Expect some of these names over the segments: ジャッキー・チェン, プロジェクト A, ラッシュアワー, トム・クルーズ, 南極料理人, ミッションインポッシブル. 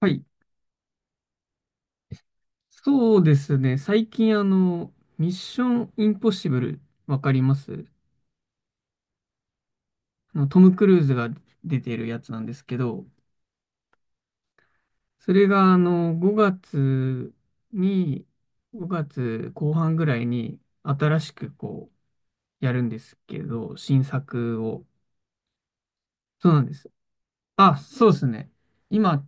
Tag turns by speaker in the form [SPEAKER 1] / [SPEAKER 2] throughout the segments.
[SPEAKER 1] はい。そうですね。最近、ミッションインポッシブル、わかります？トム・クルーズが出てるやつなんですけど、それが、5月に、5月後半ぐらいに、新しく、やるんですけど、新作を。そうなんです。あ、そうですね。今、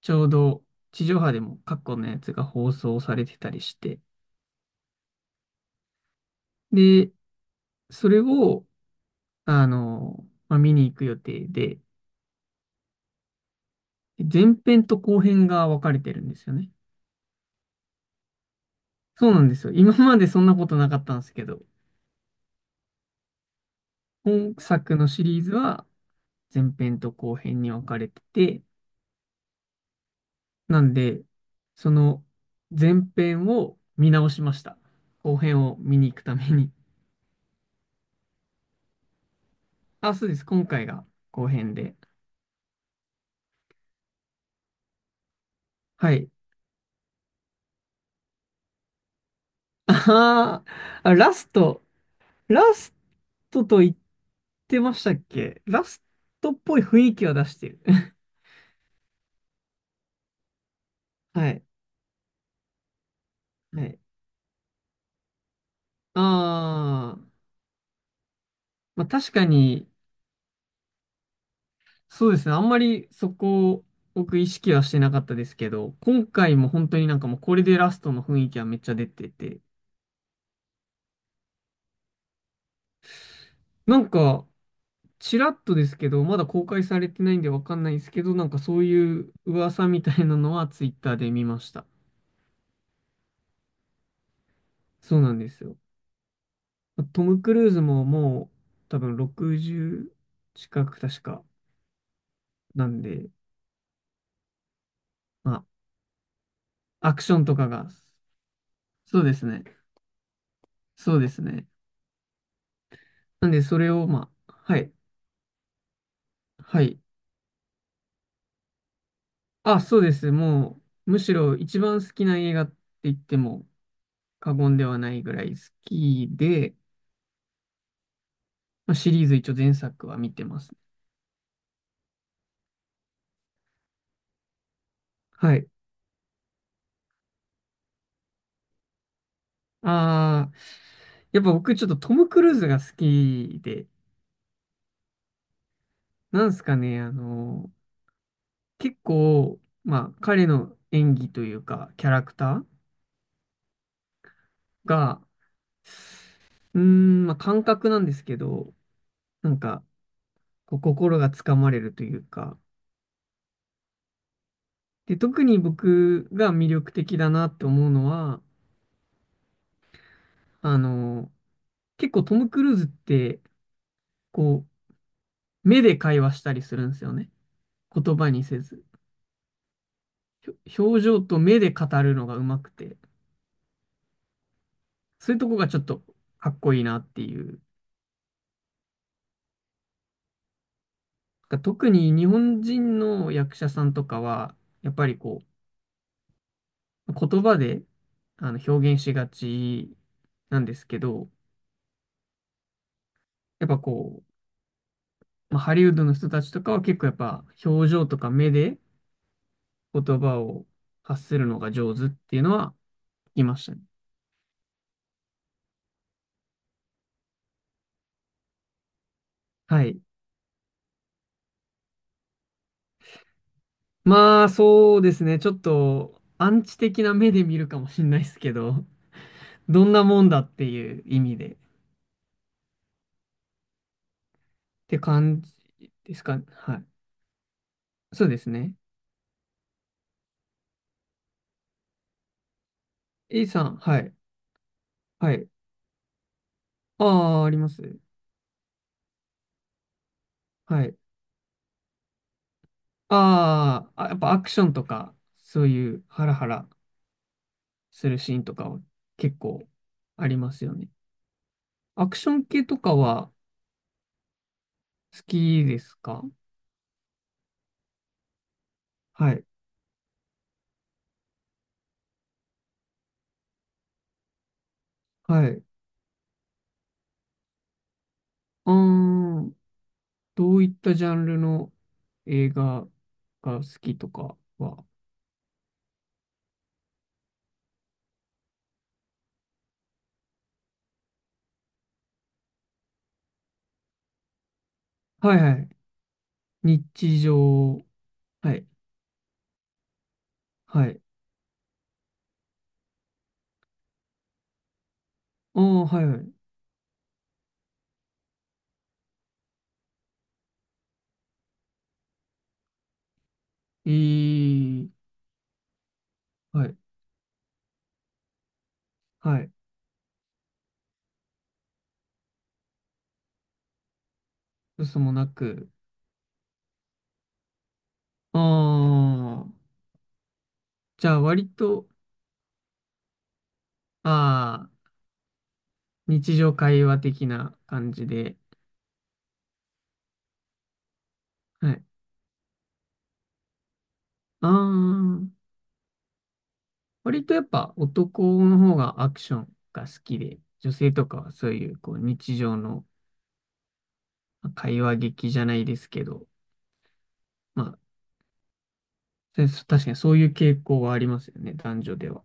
[SPEAKER 1] ちょうど、地上波でも過去のやつが放送されてたりして、で、それを、まあ、見に行く予定で、前編と後編が分かれてるんですよね。そうなんですよ。今までそんなことなかったんですけど、本作のシリーズは前編と後編に分かれてて、なんで、その前編を見直しました。後編を見に行くために。あ、そうです。今回が後編で。はい。あーあ、ラスト。ラストと言ってましたっけ？ラストっぽい雰囲気は出してる。はい。はい。ああ、まあ確かに、そうですね。あんまりそこを僕意識はしてなかったですけど、今回も本当になんかもうこれでラストの雰囲気はめっちゃ出てて、なんかちらっとですけど、まだ公開されてないんでわかんないですけど、なんかそういう噂みたいなのはツイッターで見ました。そうなんですよ。トム・クルーズももう多分60近く確かなんで、まあアクションとかが、そうですね。そうですね。なんでそれをまあ、はい。はい。あ、そうです。もう、むしろ一番好きな映画って言っても過言ではないぐらい好きで、まあ、シリーズ一応前作は見てます。はい。ああ、やっぱ僕ちょっとトム・クルーズが好きで、なんすかね、結構、まあ彼の演技というか、キャラクターが、まあ感覚なんですけど、なんか、こう心がつかまれるというか、で、特に僕が魅力的だなって思うのは、あの、結構トム・クルーズって、こ目で会話したりするんですよね。言葉にせず。ひ表情と目で語るのがうまくて、そういうとこがちょっとかっこいいなっていう。なんか特に日本人の役者さんとかは、やっぱり言葉で表現しがちなんですけど、やっぱまあ、ハリウッドの人たちとかは結構やっぱ表情とか目で言葉を発するのが上手っていうのは聞きましたね。はい。まあ、そうですね。ちょっと、アンチ的な目で見るかもしれないですけど、どんなもんだっていう意味で、って感じですかね。はい。そうですね。A さん、はい。はい。ああ、あります。はい。あーあ、やっぱアクションとか、そういうハラハラするシーンとかは結構ありますよね。アクション系とかは好きですか？はい。はい。うーん。どういったジャンルの映画が好きとかは、はいはい。日常、はい、はい。ああ、はいはい。いい、はい、はい。嘘もなく。ああ、じゃあ割と、ああ、日常会話的な感じで。はい。ああ、割とやっぱ男の方がアクションが好きで、女性とかはそういうこう日常のまあ会話劇じゃないですけど、まあ、で確かにそういう傾向はありますよね、男女では。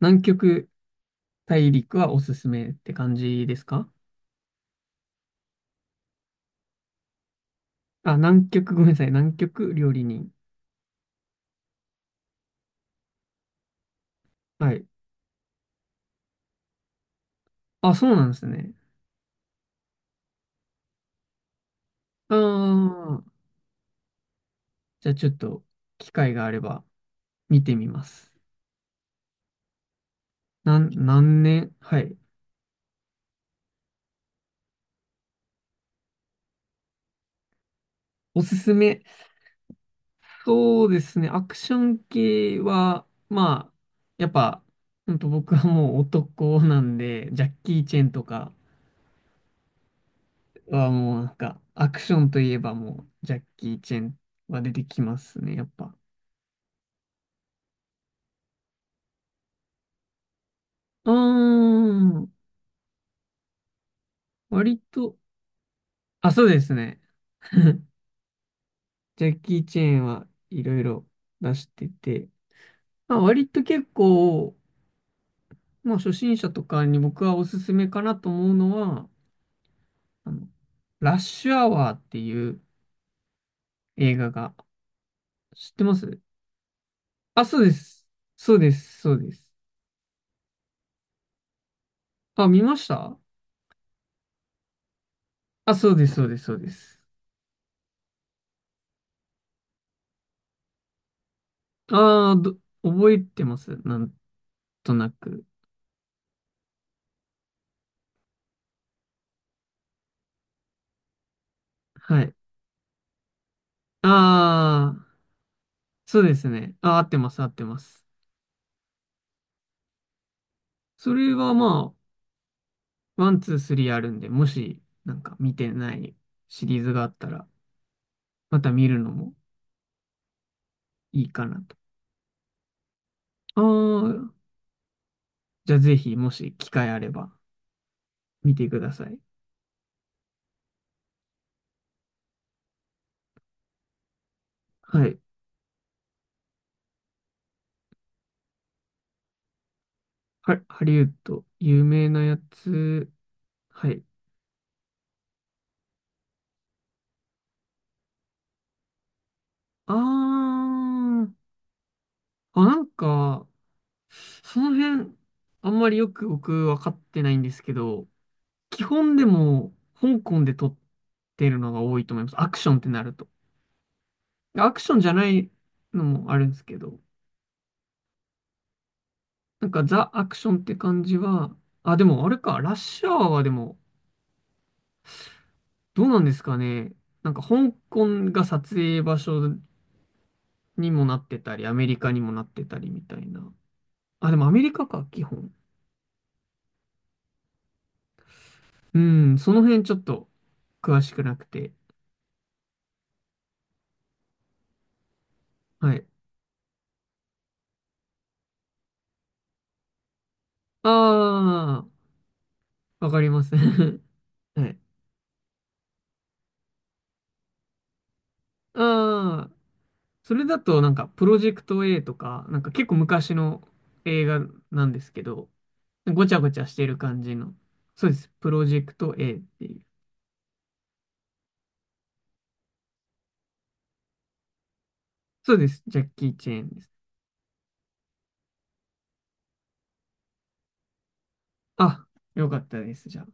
[SPEAKER 1] 南極大陸はおすすめって感じですか？あ、南極、ごめんなさい、南極料理人。はい。あ、そうなんですね。ああ、じゃあちょっと機会があれば見てみます。何年。はい。おすすめ。そうですね、アクション系は、まあ、やっぱ、ほんと僕はもう男なんで、ジャッキー・チェンとか、はもうなんか、アクションといえばもう、ジャッキー・チェンは出てきますね、やっぱ。うーん、割と、あ、そうですね。ジャッキー・チェンはいろいろ出してて、まあ、割と結構、まあ、初心者とかに僕はおすすめかなと思うのは、あの、ラッシュアワーっていう映画が、知ってます？あ、そうです。そうです、そうです。あ、見ました？あ、そうです、そうです、そうです。ああ、覚えてます。なんとなく。はい。ああ、そうですね。ああ、合ってます、合ってます。それはまあ、ワン、ツー、スリーあるんで、もし、なんか見てないシリーズがあったら、また見るのもいいかなと。ああ、じゃあぜひ、もし機会あれば、見てください。はい。ハリウッド、有名なやつ。はい。ああ、あ、なんか、その辺、あんまりよく僕分かってないんですけど、基本でも香港で撮ってるのが多いと思います。アクションってなると。アクションじゃないのもあるんですけど、なんかザ・アクションって感じは、あ、でもあれか、ラッシュアワーはでも、どうなんですかね。なんか香港が撮影場所にもなってたり、アメリカにもなってたりみたいな。あ、でもアメリカか、基本。うん、その辺ちょっと詳しくなくて。はい。ああ。わかります。はい。ああ、それだとなんか、プロジェクト A とか、なんか結構昔の映画なんですけど、ごちゃごちゃしてる感じの。そうです。プロジェクト A っていう。そうです。ジャッキー・チェーンです。あ、よかったです。じゃあ。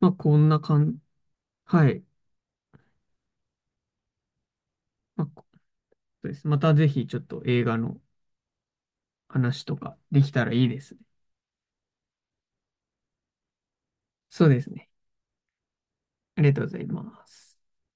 [SPEAKER 1] まあ、こんな感じ。はい。まあ、そうです。またぜひちょっと映画の話とかできたらいいですね。そうですね。ありがとうございます。